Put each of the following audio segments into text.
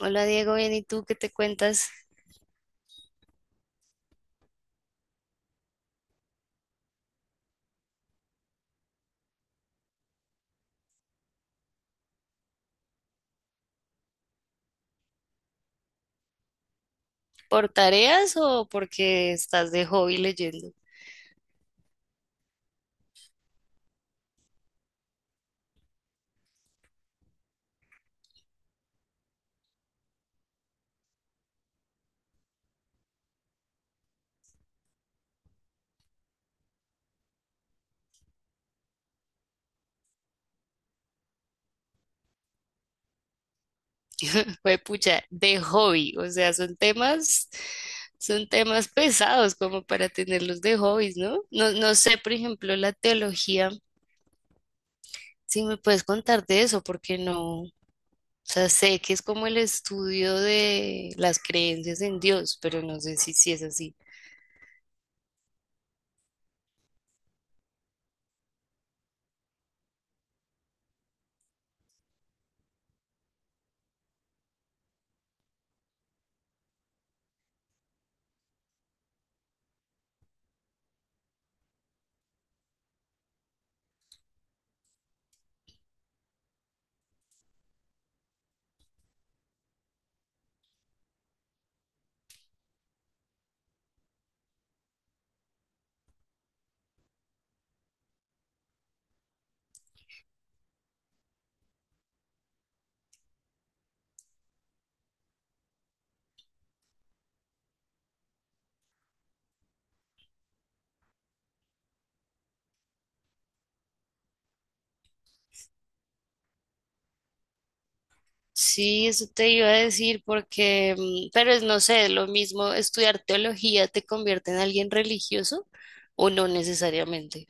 Hola Diego, bien, ¿y tú qué te cuentas? ¿Por tareas o porque estás de hobby leyendo? Pues pucha, de hobby, o sea, son temas pesados como para tenerlos de hobbies, ¿no? No, no sé, por ejemplo, la teología, si me puedes contar de eso, porque no, o sea, sé que es como el estudio de las creencias en Dios, pero no sé si es así. Sí, eso te iba a decir porque, pero es, no sé, lo mismo, estudiar teología te convierte en alguien religioso o no necesariamente.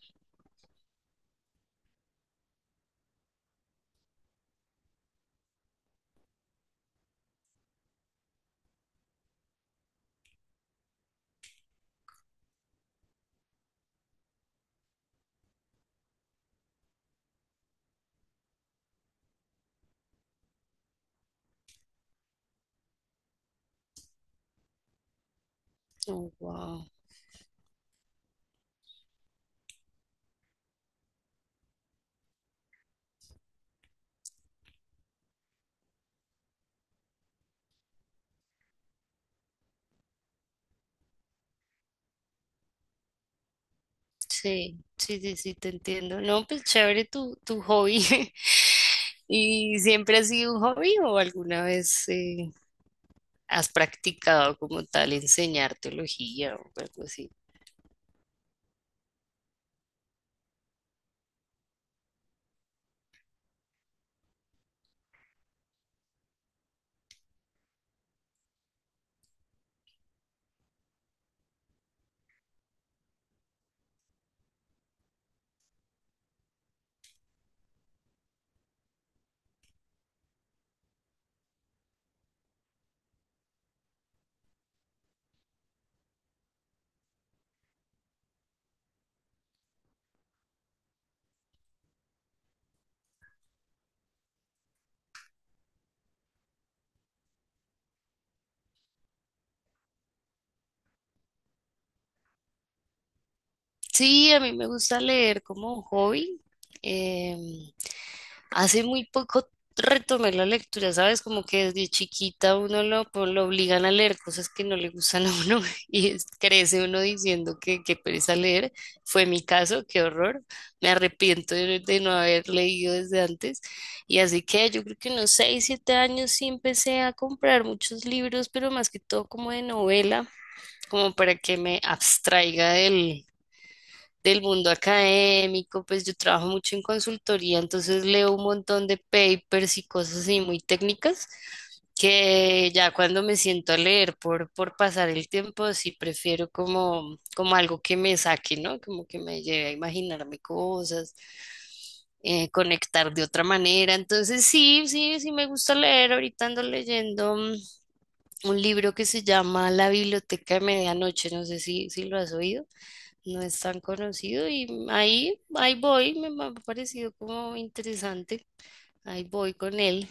Oh, wow. Sí, sí, sí, sí, te entiendo. No, pues chévere tu hobby. ¿Y siempre ha sido un hobby o alguna vez has practicado como tal enseñar teología o algo así? Sí, a mí me gusta leer como hobby. Em, Hace muy poco retomé la lectura, ¿sabes? Como que desde chiquita uno lo obligan a leer cosas que no le gustan a uno y crece uno diciendo que pereza leer. Fue mi caso, qué horror. Me arrepiento de no haber leído desde antes. Y así que yo creo que unos 6, 7 años sí empecé a comprar muchos libros, pero más que todo como de novela, como para que me abstraiga del mundo académico, pues yo trabajo mucho en consultoría, entonces leo un montón de papers y cosas así muy técnicas, que ya cuando me siento a leer por pasar el tiempo, sí prefiero como algo que me saque, ¿no? Como que me lleve a imaginarme cosas, conectar de otra manera. Entonces sí, sí, sí me gusta leer. Ahorita ando leyendo un libro que se llama La Biblioteca de Medianoche, no sé si lo has oído. No es tan conocido y ahí voy, me ha parecido como interesante, ahí voy con él.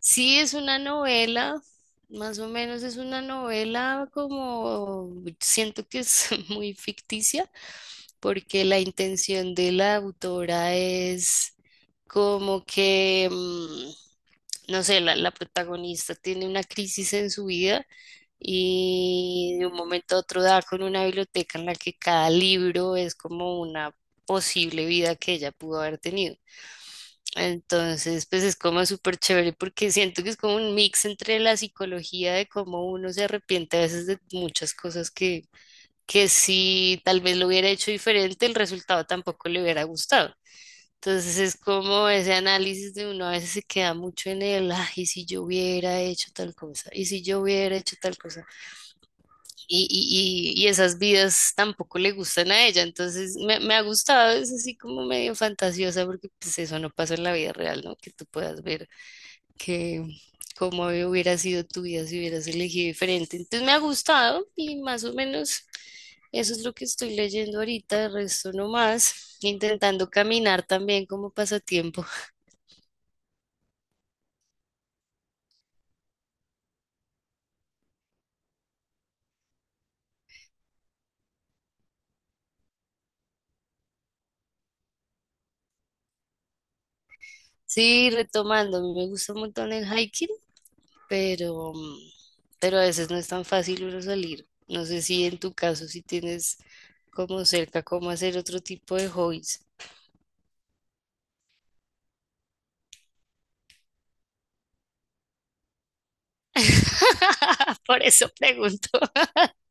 Sí, es una novela, más o menos es una novela como, siento que es muy ficticia, porque la intención de la autora es como que no sé, la protagonista tiene una crisis en su vida y de un momento a otro da con una biblioteca en la que cada libro es como una posible vida que ella pudo haber tenido. Entonces, pues es como súper chévere porque siento que es como un mix entre la psicología de cómo uno se arrepiente a veces de muchas cosas que si tal vez lo hubiera hecho diferente, el resultado tampoco le hubiera gustado. Entonces es como ese análisis de uno a veces se queda mucho en el, ay, ¿y si yo hubiera hecho tal cosa, y si yo hubiera hecho tal cosa, y esas vidas tampoco le gustan a ella, entonces me ha gustado, es así como medio fantasiosa, porque pues eso no pasa en la vida real, ¿no? Que tú puedas ver que cómo hubiera sido tu vida si hubieras elegido diferente, entonces me ha gustado y más o menos. Eso es lo que estoy leyendo ahorita, el resto no más, intentando caminar también como pasatiempo. Sí, retomando, a mí me gusta un montón el hiking, pero, mm, pero a veces no es tan fácil uno salir. No sé si en tu caso, si tienes como cerca cómo hacer otro tipo de hobbies. Por eso pregunto.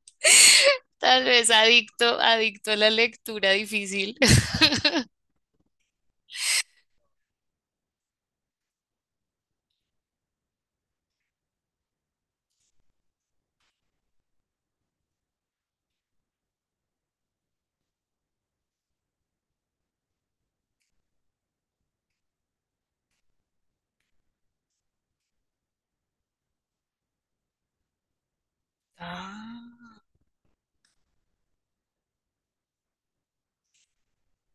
Tal vez adicto, adicto a la lectura difícil. Ah,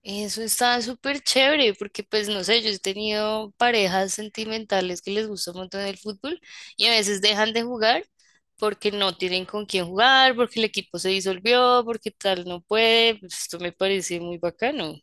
eso está súper chévere porque pues no sé, yo he tenido parejas sentimentales que les gusta un montón el fútbol y a veces dejan de jugar porque no tienen con quién jugar, porque el equipo se disolvió, porque tal no puede. Pues, esto me parece muy bacano.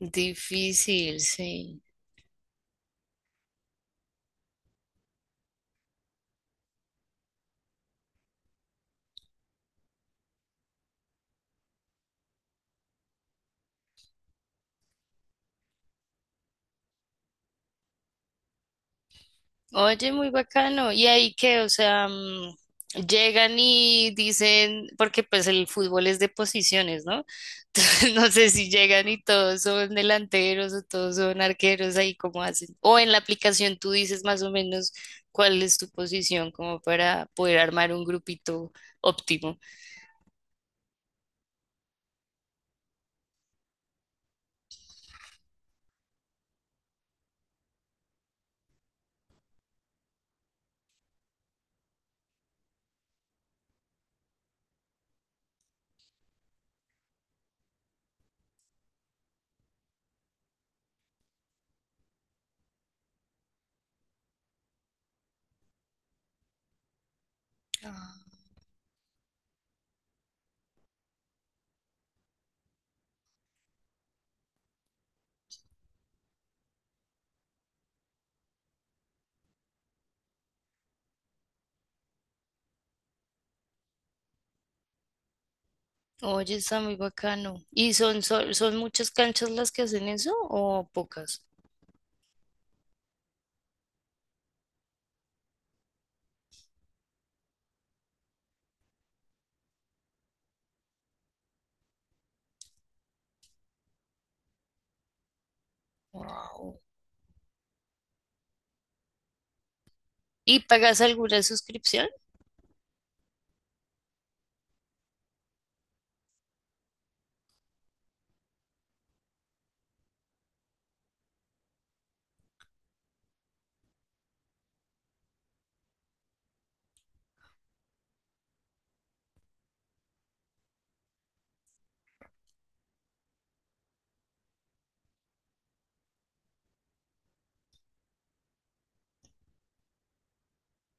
Difícil, sí. Oye, muy bacano. ¿Y ahí qué? O sea, llegan y dicen, porque pues el fútbol es de posiciones, ¿no? Entonces, no sé si llegan y todos son delanteros o todos son arqueros, ahí cómo hacen. O en la aplicación tú dices más o menos cuál es tu posición como para poder armar un grupito óptimo. Oye, está muy bacano. ¿Y son muchas canchas las que hacen eso o pocas? Wow. ¿Y pagas alguna suscripción?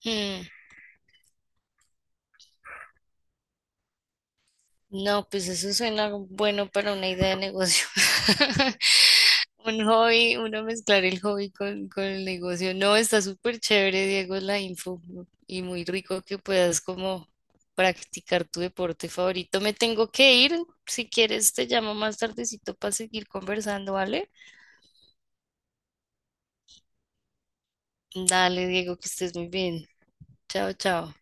Hmm, no, pues eso suena bueno para una idea de negocio. Un hobby, uno mezclar el hobby con el negocio. No, está súper chévere, Diego, la info y muy rico que puedas como practicar tu deporte favorito. Me tengo que ir. Si quieres, te llamo más tardecito para seguir conversando, ¿vale? Dale, Diego, que estés muy bien. Chao, chao.